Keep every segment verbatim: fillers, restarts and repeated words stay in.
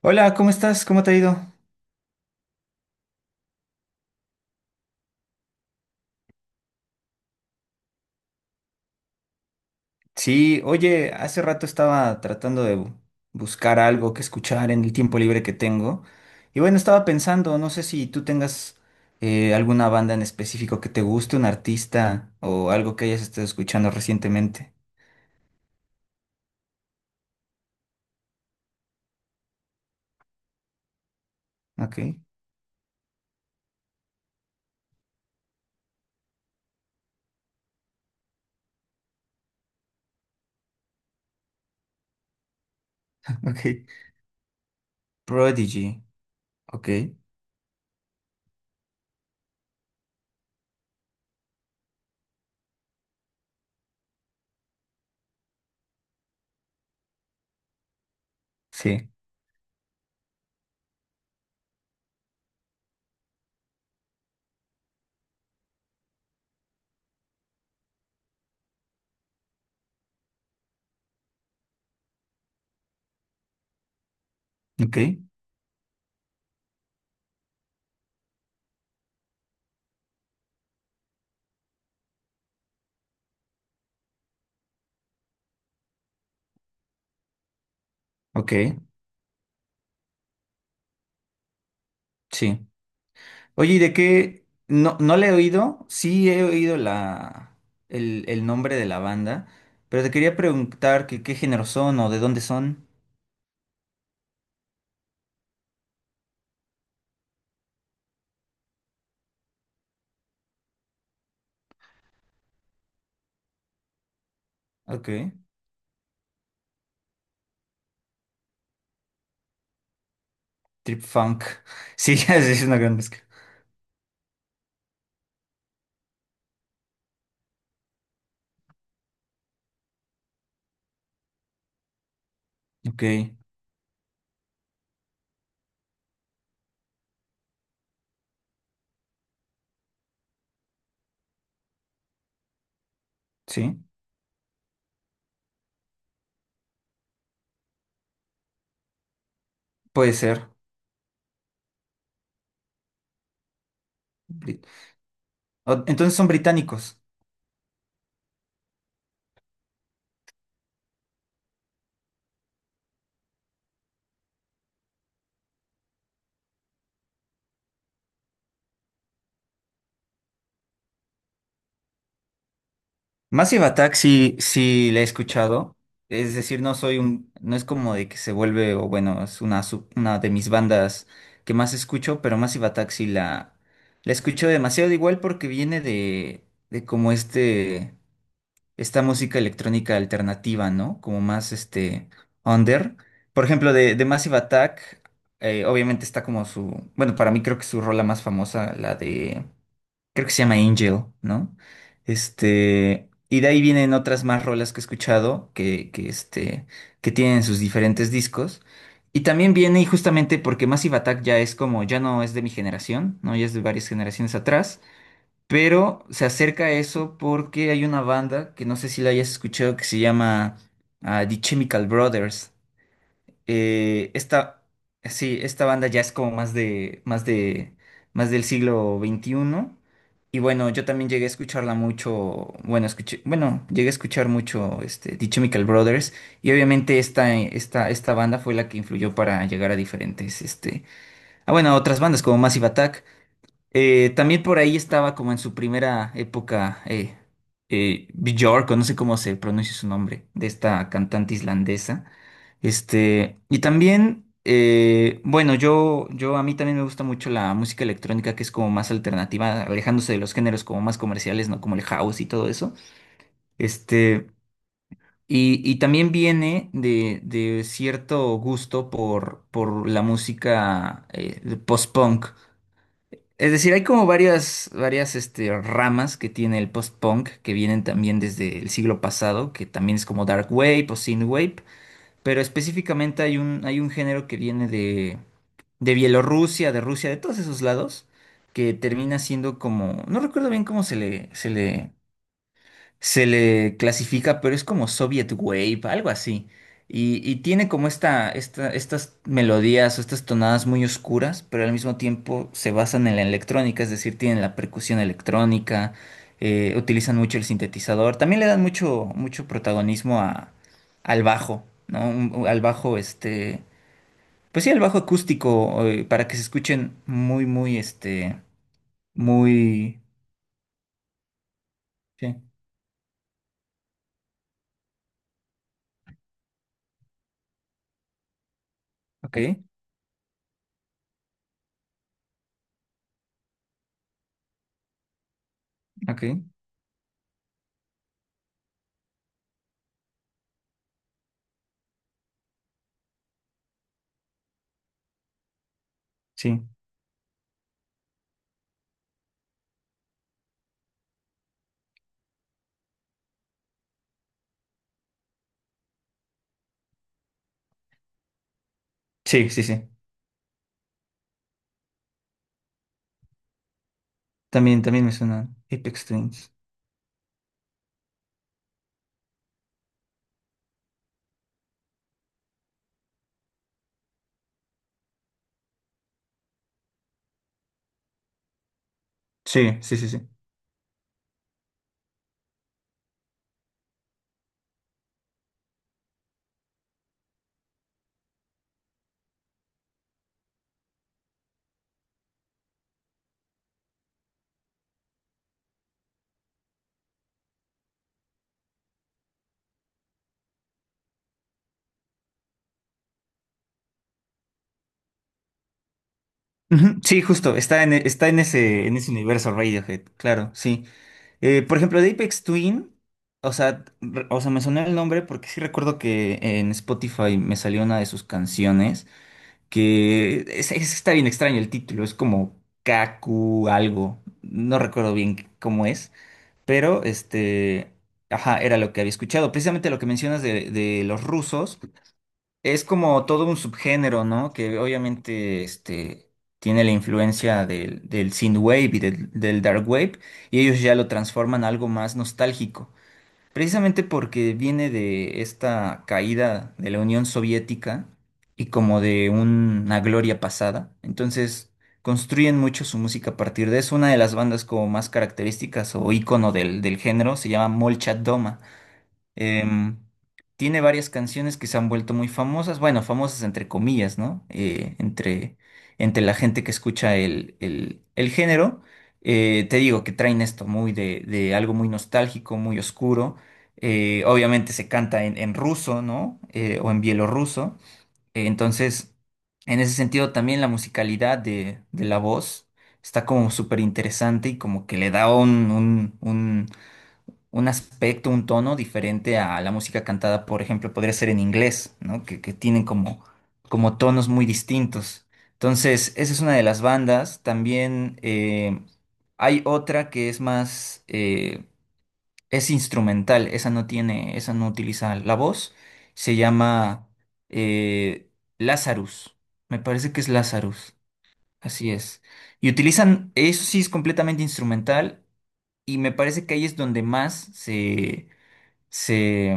Hola, ¿cómo estás? ¿Cómo te ha ido? Sí, oye, hace rato estaba tratando de bu- buscar algo que escuchar en el tiempo libre que tengo. Y bueno, estaba pensando, no sé si tú tengas eh, alguna banda en específico que te guste, un artista o algo que hayas estado escuchando recientemente. Ok. Ok. Prodigy, ok. Sí, ok, ok, sí. Oye, ¿y de qué? No, no le he oído, sí he oído la, el, el nombre de la banda, pero te quería preguntar que qué género son o de dónde son. Ok, Trip Funk. Sí, es es una gran mezcla. Ok, sí, puede ser. Bri- o- Entonces son británicos. Massive Attack sí, sí la he escuchado. Es decir, no soy un, no es como de que se vuelve, o bueno, es una, sub- una de mis bandas que más escucho, pero Massive Attack sí la, la escucho demasiado, igual porque viene de, de como este, esta música electrónica alternativa, ¿no? Como más este, under. Por ejemplo, de, de Massive Attack, eh, obviamente está como su, bueno, para mí creo que su rola más famosa, la de creo que se llama Angel, ¿no? Este, y de ahí vienen otras más rolas que he escuchado que, que, este, que tienen sus diferentes discos. Y también viene, y justamente porque Massive Attack ya es como, ya no es de mi generación, ¿no? Ya es de varias generaciones atrás, pero se acerca a eso porque hay una banda que no sé si la hayas escuchado que se llama ah, The Chemical Brothers. Eh, esta, sí, esta banda ya es como más de, más de, más del siglo veintiuno. Y bueno, yo también llegué a escucharla mucho, bueno, escuché, bueno, llegué a escuchar mucho este, The Chemical Brothers. Y obviamente esta, esta, esta banda fue la que influyó para llegar a diferentes, este, ah, bueno, a otras bandas como Massive Attack. Eh, también por ahí estaba como en su primera época, eh, eh, Björk, o no sé cómo se pronuncia su nombre, de esta cantante islandesa. Este, y también, eh, bueno, yo, yo a mí también me gusta mucho la música electrónica que es como más alternativa, alejándose de los géneros como más comerciales, ¿no? Como el house y todo eso. Este, y, y también viene de, de cierto gusto por, por la música eh, post-punk. Es decir, hay como varias, varias este, ramas que tiene el post-punk que vienen también desde el siglo pasado, que también es como dark wave o synth wave pero específicamente hay un, hay un género que viene de, de Bielorrusia, de Rusia, de todos esos lados, que termina siendo como, no recuerdo bien cómo se le, se le, se le clasifica, pero es como Soviet Wave, algo así. Y, y tiene como esta, esta, estas melodías o estas tonadas muy oscuras, pero al mismo tiempo se basan en la electrónica, es decir, tienen la percusión electrónica, eh, utilizan mucho el sintetizador, también le dan mucho, mucho protagonismo a, al bajo, ¿no? Un- al bajo, este, pues sí, al bajo acústico, eh, para que se escuchen muy, muy, este, muy... Sí, ok, ok, sí, sí, sí, sí. También, también me suena Apex Twins. Sí, sí, sí, sí. Ujú, sí, justo, está en, e- está en ese, en ese universo Radiohead, claro, sí. Eh, por ejemplo, de Apex Twin, o sea, re- o sea, me sonó el nombre porque sí recuerdo que en Spotify me salió una de sus canciones que es- es- está bien extraño el título, es como Kaku algo, no recuerdo bien cómo es, pero este, ajá, era lo que había escuchado. Precisamente lo que mencionas de, de los rusos. Es como todo un subgénero, ¿no? Que obviamente este, tiene la influencia del, del synthwave y del, del dark wave, y ellos ya lo transforman a algo más nostálgico. Precisamente porque viene de esta caída de la Unión Soviética y como de una gloria pasada. Entonces construyen mucho su música a partir de eso. Una de las bandas como más características o ícono del, del género se llama Molchat Doma. Em, tiene varias canciones que se han vuelto muy famosas, bueno, famosas entre comillas, ¿no? Eh, entre, entre la gente que escucha el, el- el género. Eh, te digo que traen esto muy de, de algo muy nostálgico, muy oscuro. Eh, obviamente se canta en, en ruso, ¿no? Eh, o en bielorruso. Eh, entonces, en ese sentido, también la musicalidad de, de la voz está como súper interesante y como que le da un, un, un un aspecto, un tono diferente a la música cantada, por ejemplo, podría ser en inglés, ¿no? Que, que tienen como, como tonos muy distintos. Entonces, esa es una de las bandas. También eh, hay otra que es más, eh, es instrumental, esa no tiene, esa no utiliza la voz. Se llama eh, Lazarus. Me parece que es Lazarus. Así es. Y utilizan, eso sí es completamente instrumental y me parece que ahí es donde más se, se,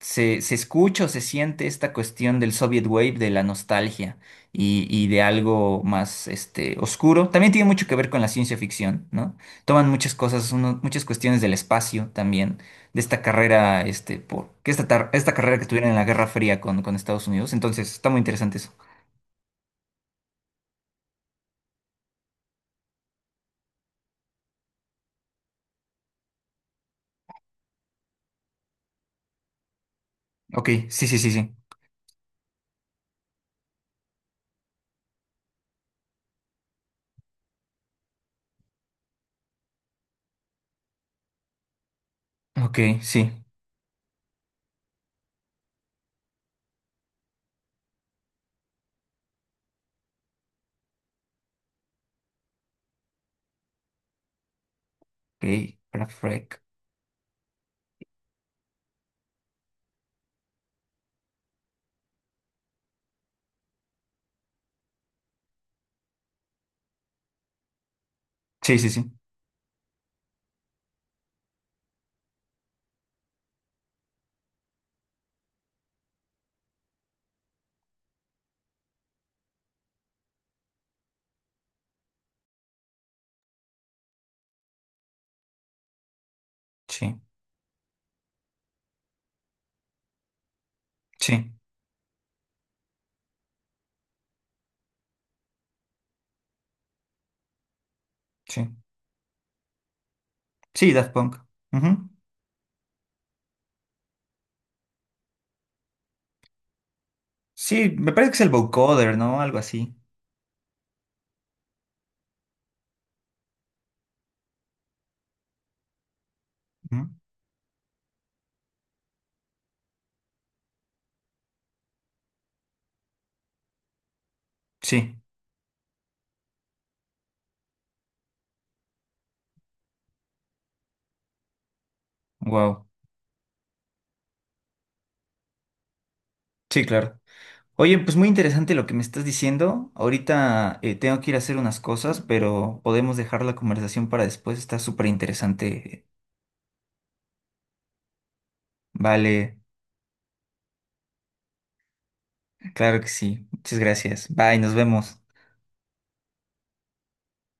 se, se escucha o se siente esta cuestión del Soviet Wave, de la nostalgia y, y de algo más este, oscuro. También tiene mucho que ver con la ciencia ficción, ¿no? Toman muchas cosas, uno- muchas cuestiones del espacio también, de esta carrera, este, por, que esta, tar- esta carrera que tuvieron en la Guerra Fría con, con Estados Unidos. Entonces, está muy interesante eso. Ok, sí, sí, sí, sí. Ok, sí. Ok, perfecto. Sí, sí, sí. Sí, sí, sí. Sí, Daft Punk. Ujú. Sí, me parece que es el vocoder, ¿no? Algo así. Ujú. Sí, wow. Sí, claro. Oye, pues muy interesante lo que me estás diciendo. Ahorita eh, tengo que ir a hacer unas cosas, pero podemos dejar la conversación para después. Está súper interesante. Vale, claro que sí. Muchas gracias. Bye, nos vemos.